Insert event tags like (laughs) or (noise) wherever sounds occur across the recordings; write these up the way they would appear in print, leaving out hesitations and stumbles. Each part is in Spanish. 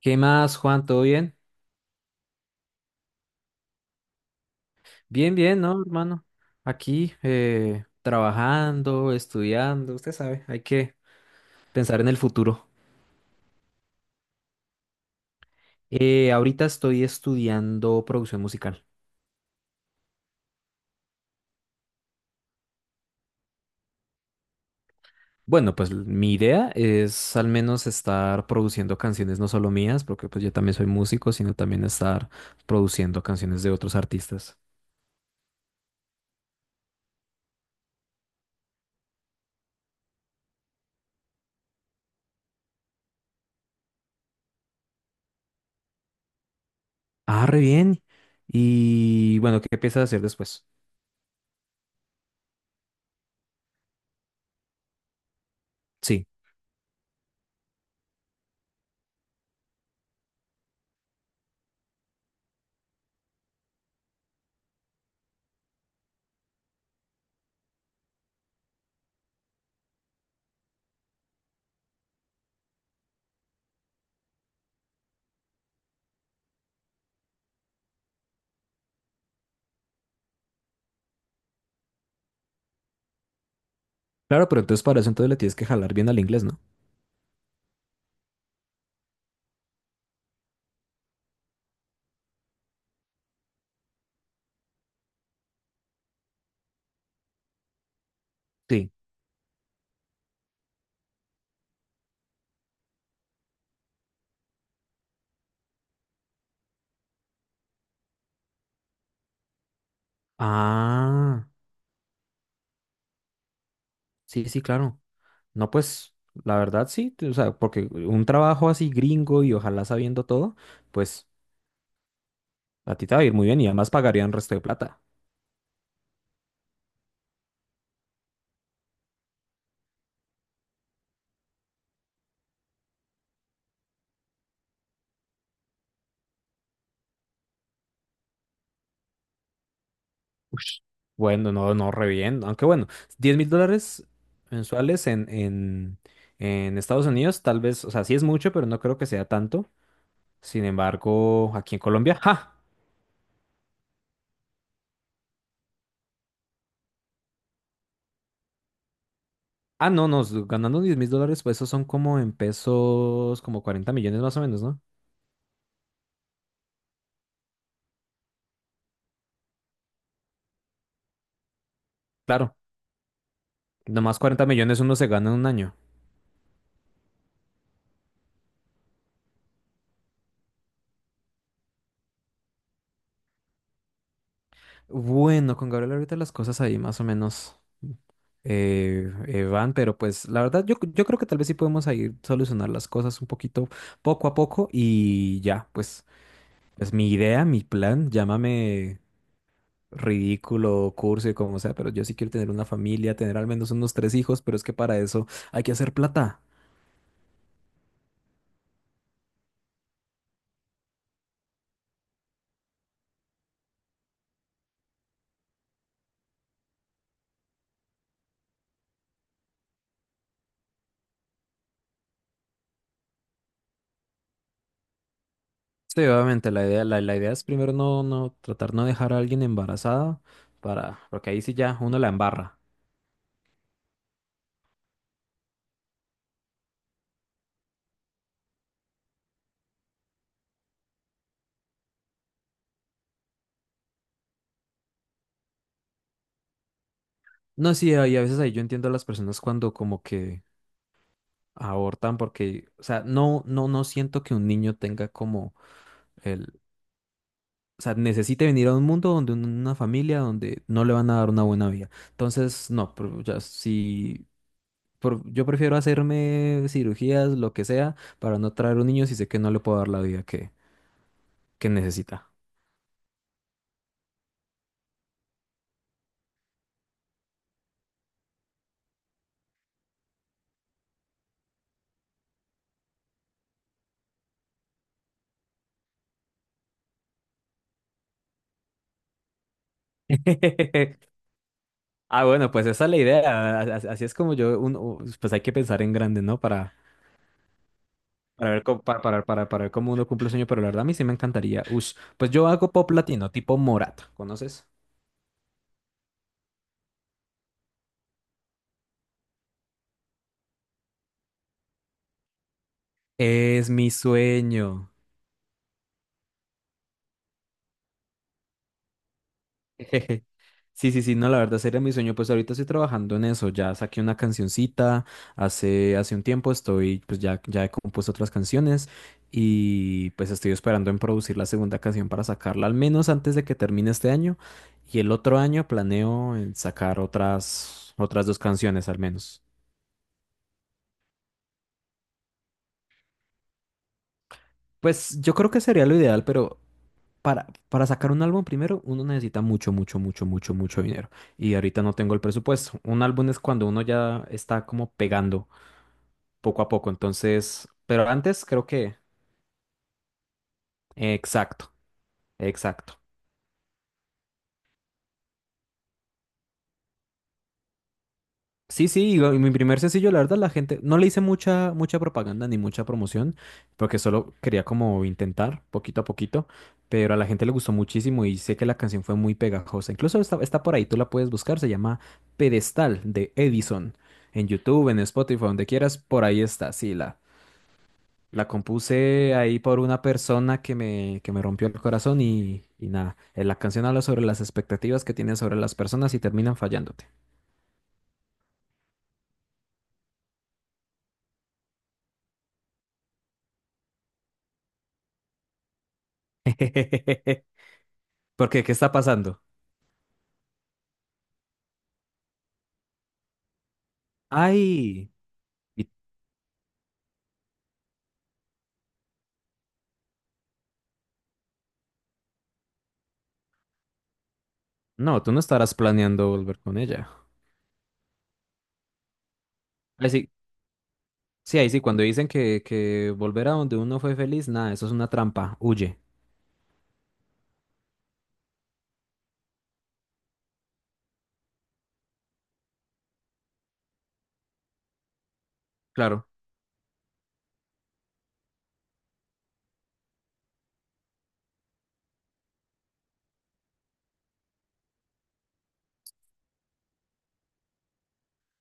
¿Qué más, Juan? ¿Todo bien? Bien, bien, ¿no, hermano? Aquí, trabajando, estudiando, usted sabe, hay que pensar en el futuro. Ahorita estoy estudiando producción musical. Bueno, pues mi idea es al menos estar produciendo canciones no solo mías, porque pues yo también soy músico, sino también estar produciendo canciones de otros artistas. Ah, re bien. Y bueno, ¿qué piensas hacer después? Sí. Claro, pero entonces para eso entonces le tienes que jalar bien al inglés, ¿no? Sí. Ah. Sí, sí, claro. No, pues la verdad sí, o sea, porque un trabajo así gringo y ojalá sabiendo todo, pues a ti te va a ir muy bien y además pagarían resto de plata. Ush. Bueno, no, no, re bien. Aunque bueno, 10.000 dólares mensuales en Estados Unidos, tal vez, o sea, sí es mucho, pero no creo que sea tanto. Sin embargo, aquí en Colombia, ¡ja! Ah, no, no, ganando 10.000 dólares, pues esos son como en pesos, como 40 millones más o menos, ¿no? Claro, nomás 40 millones uno se gana en un año. Bueno, con Gabriel ahorita las cosas ahí más o menos van, pero pues la verdad yo creo que tal vez sí podemos ahí solucionar las cosas un poquito poco a poco y ya, pues es mi idea, mi plan, llámame ridículo, cursi, como sea, pero yo sí quiero tener una familia, tener al menos unos tres hijos, pero es que para eso hay que hacer plata. Sí, obviamente la idea, la idea es primero no, no, tratar no dejar a alguien embarazada para, porque ahí sí ya uno la embarra. No, sí, ahí a veces ahí yo entiendo a las personas cuando como que abortan porque, o sea, no, no, no siento que un niño tenga como el, o sea, necesite venir a un mundo donde una familia donde no le van a dar una buena vida. Entonces, no, pero ya si yo prefiero hacerme cirugías, lo que sea, para no traer un niño si sé que no le puedo dar la vida que necesita. (laughs) Ah, bueno, pues esa es la idea. Así es como yo, uno, pues hay que pensar en grande, ¿no? Para ver, para ver cómo uno cumple el sueño, pero la verdad a mí sí me encantaría. Ush, pues yo hago pop latino, tipo Morata, ¿conoces? Es mi sueño. (laughs) Jejeje. Sí, sí, sí, no, la verdad sería mi sueño. Pues ahorita estoy trabajando en eso. Ya saqué una cancioncita hace un tiempo. Estoy, pues ya, ya he compuesto otras canciones y pues estoy esperando en producir la segunda canción para sacarla, al menos antes de que termine este año. Y el otro año planeo en sacar otras dos canciones al menos. Pues yo creo que sería lo ideal, pero para sacar un álbum primero uno necesita mucho, mucho, mucho, mucho, mucho dinero. Y ahorita no tengo el presupuesto. Un álbum es cuando uno ya está como pegando poco a poco. Entonces, pero antes creo que... Exacto, exacto. Sí, sí, y mi primer sencillo, la verdad, la gente, no le hice mucha propaganda ni mucha promoción, porque solo quería como intentar poquito a poquito, pero a la gente le gustó muchísimo y sé que la canción fue muy pegajosa. Incluso está por ahí, tú la puedes buscar, se llama Pedestal de Edison. En YouTube, en Spotify, donde quieras, por ahí está, sí, la compuse ahí por una persona que me rompió el corazón y nada, la canción habla sobre las expectativas que tienes sobre las personas y terminan fallándote. (laughs) ¿Por qué? ¿Qué está pasando? Ay, y- no, tú no estarás planeando volver con ella. Ay, sí, sí, ahí sí, cuando dicen que volver a donde uno fue feliz, nada, eso es una trampa, huye. Claro.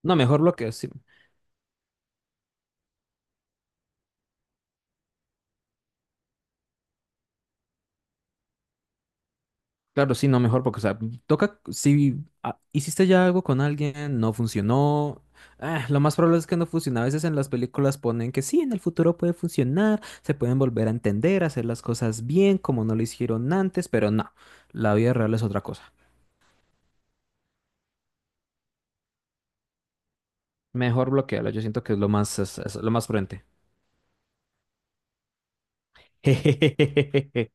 No, mejor lo que, sí, claro, sí, no, mejor porque, o sea, toca, si ah, hiciste ya algo con alguien, no funcionó, ah, lo más probable es que no funcione. A veces en las películas ponen que sí, en el futuro puede funcionar, se pueden volver a entender, hacer las cosas bien como no lo hicieron antes, pero no, la vida real es otra cosa. Mejor bloquearlo, yo siento que es lo más, es lo más prudente. (laughs)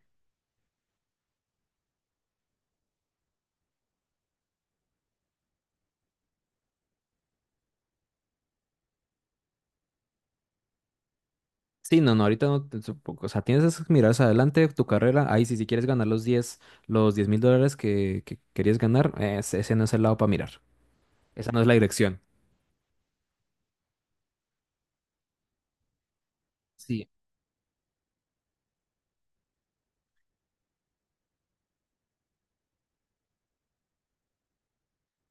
Sí, no, no, ahorita no, supongo, o sea, tienes esas miradas adelante, tu carrera, ahí sí, si quieres ganar los 10.000 dólares que querías ganar, ese no es el lado para mirar, esa no es la dirección. Sí,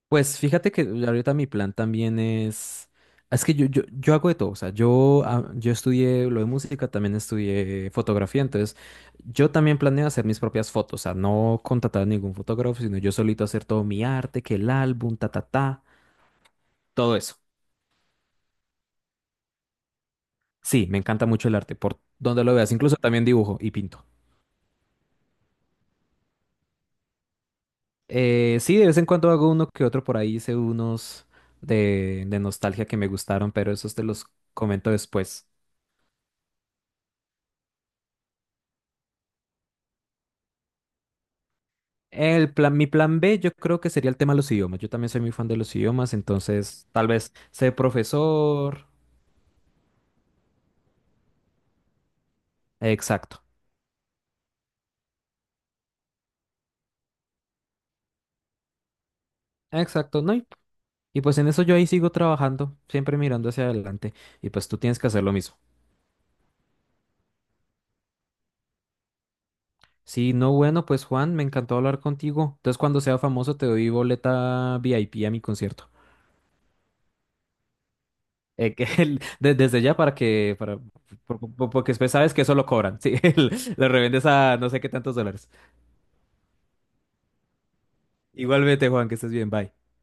pues fíjate que ahorita mi plan también es que yo, yo hago de todo, o sea, yo, ah, yo estudié lo de música, también estudié fotografía, entonces yo también planeo hacer mis propias fotos, o sea, no contratar a ningún fotógrafo, sino yo solito hacer todo mi arte, que el álbum, ta, ta, ta, todo eso. Sí, me encanta mucho el arte, por donde lo veas, incluso también dibujo y pinto. Sí, de vez en cuando hago uno que otro, por ahí hice unos de nostalgia que me gustaron, pero esos te los comento después. El plan, mi plan B yo creo que sería el tema de los idiomas. Yo también soy muy fan de los idiomas, entonces tal vez ser profesor. Exacto, exacto, ¿no? Y pues en eso yo ahí sigo trabajando, siempre mirando hacia adelante. Y pues tú tienes que hacer lo mismo. Si no, bueno, pues Juan, me encantó hablar contigo. Entonces cuando sea famoso te doy boleta VIP a mi concierto. Que (laughs) desde ya para que, para, porque después sabes que eso lo cobran, sí, (laughs) lo revendes a no sé qué tantos dólares. Igualmente, Juan, que estés bien, bye.